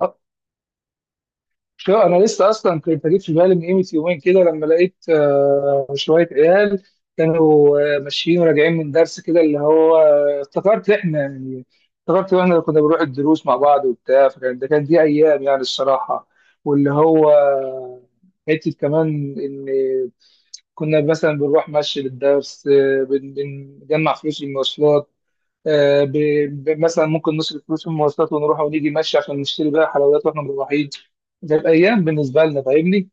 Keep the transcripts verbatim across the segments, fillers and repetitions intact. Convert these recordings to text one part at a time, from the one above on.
آه، شو انا لسه اصلا كنت جيت في بالي من قيمه يومين كده لما لقيت آه، شويه عيال كانوا آه، ماشيين وراجعين من درس كده اللي هو آه، افتكرت احنا يعني افتكرت احنا اللي كنا بنروح الدروس مع بعض وبتاع فكان ده كان دي ايام يعني الصراحه واللي هو آه، حته كمان ان كنا مثلا بنروح مشي للدرس آه، بن- بنجمع فلوس المواصلات، آه، ب- ب- مثلا ممكن نصرف فلوس في المواصلات ونروح ونيجي مشي عشان نشتري بقى حلويات واحنا مروحين. جت ايام بالنسبه لنا فاهمني.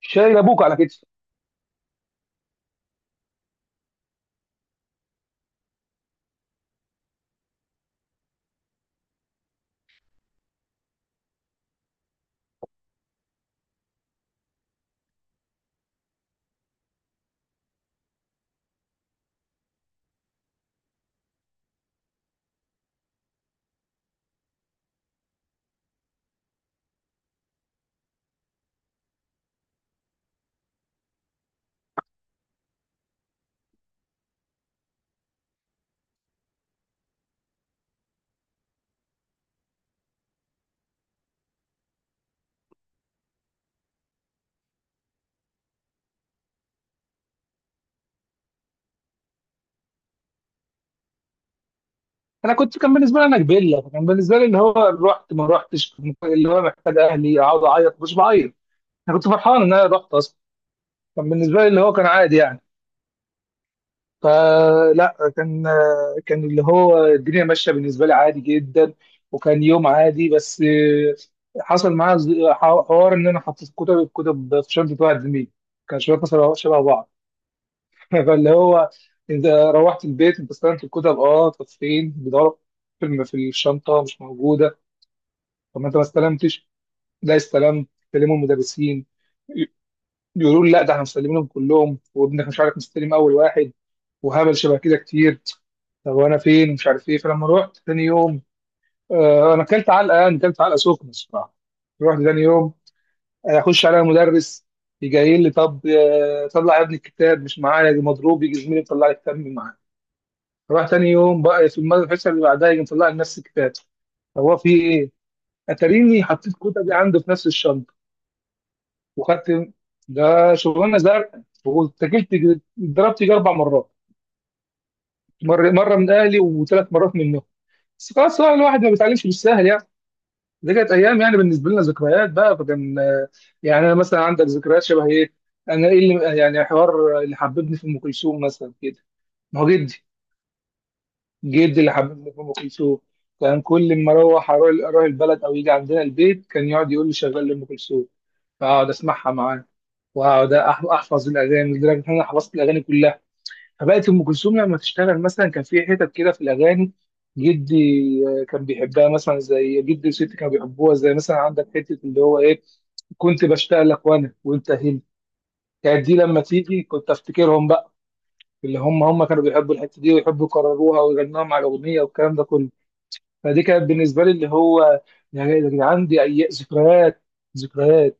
شايل ابوك على كتفي. انا كنت كان بالنسبه لي انا كبيله فكان بالنسبه لي اللي هو رحت ما رحتش، اللي هو محتاج اهلي اقعد اعيط مش بعيط. انا كنت فرحان ان انا رحت اصلا، كان بالنسبه لي اللي هو كان عادي يعني. فلا كان كان اللي هو الدنيا ماشيه بالنسبه لي عادي جدا، وكان يوم عادي. بس حصل معايا ز- حوار ان انا حطيت كتب الكتب في شنطه واحد زميلي كان شويه مثلا شبه بعض. فاللي هو انت روحت البيت انت استلمت الكتب، اه طب فين بيدوروا، في في الشنطه مش موجوده. طب ما انت ما استلمتش؟ لا استلمت. كلموا المدرسين، يقولوا لي لا ده احنا مستلمينهم كلهم وابنك مش عارف مستلم اول واحد وهبل شبه كده كتير. طب وانا فين مش عارف ايه. فلما رحت تاني يوم، آه انا اكلت علقه، يعني اكلت علقه سخنه الصراحه. رحت تاني يوم، آه، اخش على المدرس يجي لي طب، آه، طلع يا ابني الكتاب مش معايا، دي مضروب يجي زميلي يطلع لي الكتاب من معايا. رحت تاني يوم بقى في المد- الحصه اللي بعدها يجي مطلع لي نفس الكتاب. طب هو في ايه؟ اتاريني حطيت الكتب دي عنده في نفس الشنطه وخدت. ده شغلانه زرقاء واتكلت. اتضربت يجي اربع مرات، مره مره من اهلي وثلاث مرات منهم. بس خلاص بقى الواحد ما بيتعلمش بالسهل يعني. دي كانت ايام يعني بالنسبه لنا ذكريات بقى، فكان آه، يعني انا مثلا عندك ذكريات شبه ايه؟ انا ايه اللي يعني حوار اللي حببني في ام كلثوم مثلا كده؟ ما هو جدي. جدي اللي حببني في ام كلثوم. كان كل ما اروح اروح أروح البلد او يجي عندنا البيت كان يقعد يقول لي شغال لي ام كلثوم، فاقعد اسمعها معاه واقعد أح- احفظ الاغاني، لدرجه ان انا حفظت الاغاني كلها. فبقت ام كلثوم لما تشتغل مثلا كان في حتت كده في الاغاني جدي آه، كان بيحبها، مثلا زي جدي وستي كانوا بيحبوها، زي مثلا عندك حته اللي هو ايه: كنت بشتاق لك وانا وانت هنا. كانت دي لما تيجي كنت افتكرهم بقى، اللي هم هم كانوا بيحبوا الحته دي ويحبوا يكرروها ويغنوها مع الاغنيه والكلام ده كله. فدي كانت بالنسبه لي اللي هو، يعني يا جدعان دي اي ذكريات، ذكريات.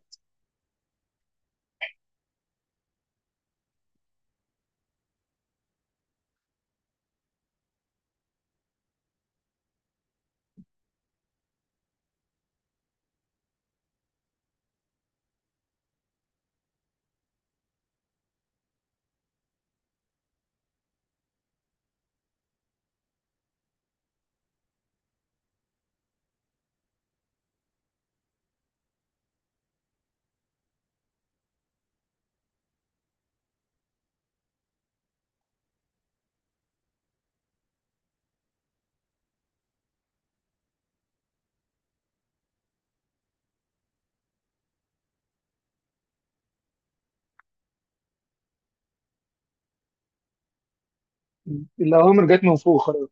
اللي هو من جت من فوق خلاص.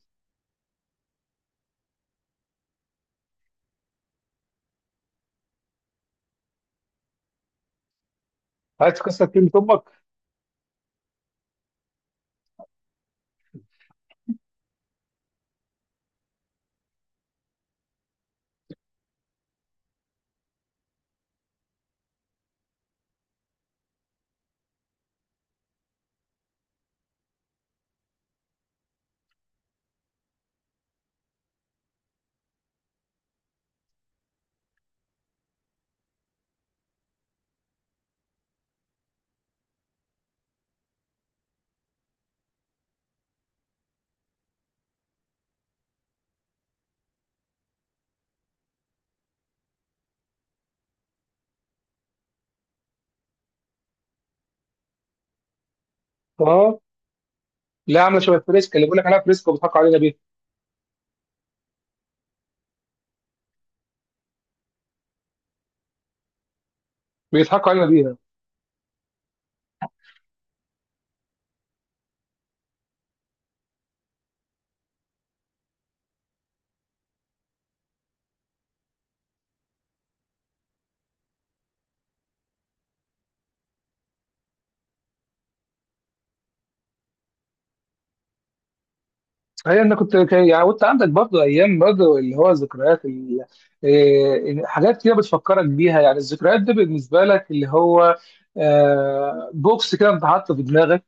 عايز تكسر كلمه امك. اه. لا عامله شبه فريسكا، اللي بيقول لك عليها فريسكا وبيضحكوا علينا بيها. بيضحكوا علينا بيها. هي انا كنت كان- يعني وانت عندك برضه ايام برضه اللي هو ذكريات ال- إيه، حاجات كده بتفكرك بيها، يعني الذكريات دي بالنسبه لك اللي هو آه، بوكس كده بتحطه في دماغك،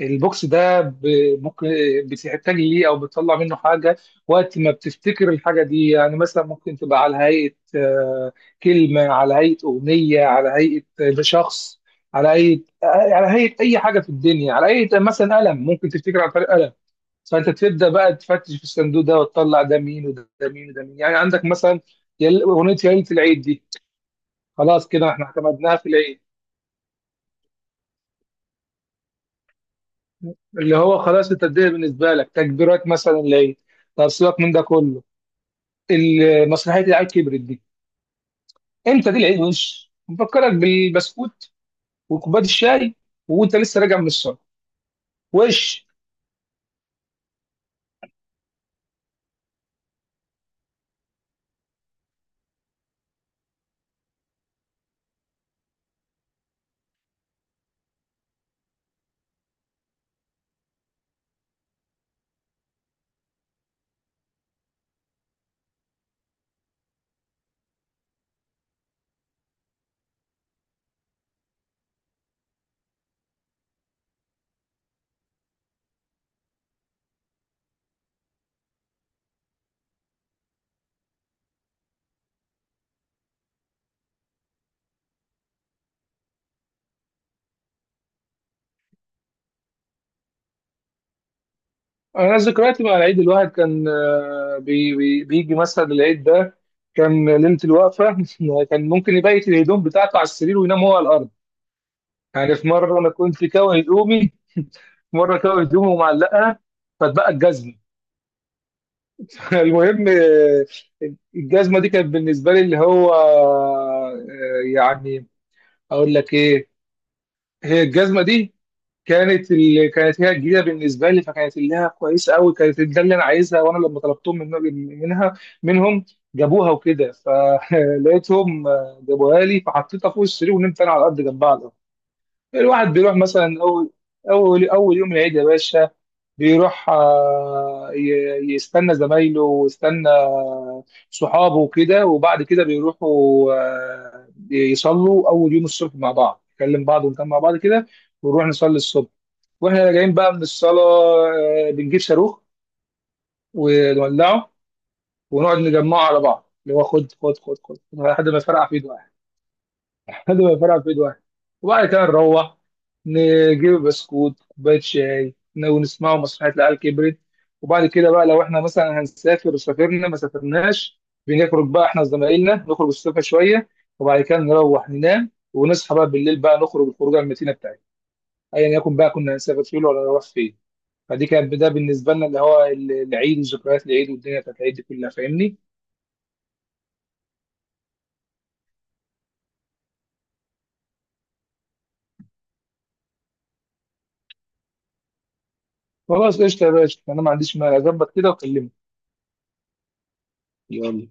البوكس ده ب- ممكن بتحتاج ليه او بتطلع منه حاجه وقت ما بتفتكر الحاجه دي. يعني مثلا ممكن تبقى على هيئه آه، كلمه، على هيئه اغنيه، على هيئه شخص، على هيئه آه، على هيئه اي حاجه في الدنيا، على هيئه مثلا قلم ممكن تفتكر عن طريق قلم. فانت تبدا بقى تفتش في الصندوق ده وتطلع ده مين وده مين وده مين. يعني عندك مثلا يل- اغنيه يا ليله العيد دي، خلاص كده احنا اعتمدناها في العيد. اللي هو خلاص انت الدنيا بالنسبه لك تكبيرات مثلا العيد. طب سيبك من ده كله، ال- مسرحيه العيد كبرت دي، امتى دي؟ العيد وش مفكرك بالبسكوت وكوبايه الشاي وانت لسه راجع من الصلاه وش. انا ذكرياتي مع العيد الواحد كان آه، بي بي بيجي مثلا العيد ده كان ليله الوقفه. كان ممكن يبيت الهدوم بتاعته على السرير وينام هو على الارض، يعني في مره انا كنت كاوي هدومي، في مره كاوي هدومي ومعلقها فاتبقى الجزمه. المهم آه، الجزمه دي كانت بالنسبه لي اللي هو آه، يعني اقول لك ايه، هي الجزمه دي كانت ال... كانت هي الجديده بالنسبه لي، فكانت اللي هي كويسه قوي، كانت ده اللي انا عايزها. وانا لما طلبتهم من... منها منهم جابوها وكده، فلقيتهم جابوها لي، فحطيتها فوق السرير ونمت انا على الارض جنبها على الأرض. الواحد بيروح مثلا اول اول اول يوم العيد يا باشا بيروح، آه، ي- يستنى زمايله ويستنى صحابه وكده، وبعد كده بيروحوا آه، يصلوا اول يوم الصبح مع بعض، نكلم بعض ونكلم مع بعض كده، ونروح نصلي الصبح. واحنا راجعين بقى من الصلاه آه، بنجيب صاروخ ونولعه، ونقعد نجمعه على بعض اللي هو خد خد خد خد لحد ما يفرقع في ايده يعني. لحد ما الفرع في ايد واحد. وبعد كده نروح نجيب بسكوت كوبايه شاي ن- ونسمعوا مسرحيه العيال كبرت. وبعد كده بقى لو احنا مثلا هنسافر وسافرنا ما سافرناش، بنخرج بقى احنا وزمايلنا نخرج الصبح شويه، وبعد كده نروح ننام ونصحى بقى بالليل بقى نخرج الخروجه المتينه بتاعتنا، ايا يكن بقى كنا هنسافر فين ولا نروح فين. فدي كانت ده بالنسبه لنا اللي هو ال- العيد وذكريات العيد والدنيا بتاعت العيد دي كلها فاهمني. خلاص قشطه يا باشا، انا ما عنديش مانع اظبط كده واكلمك. يلا.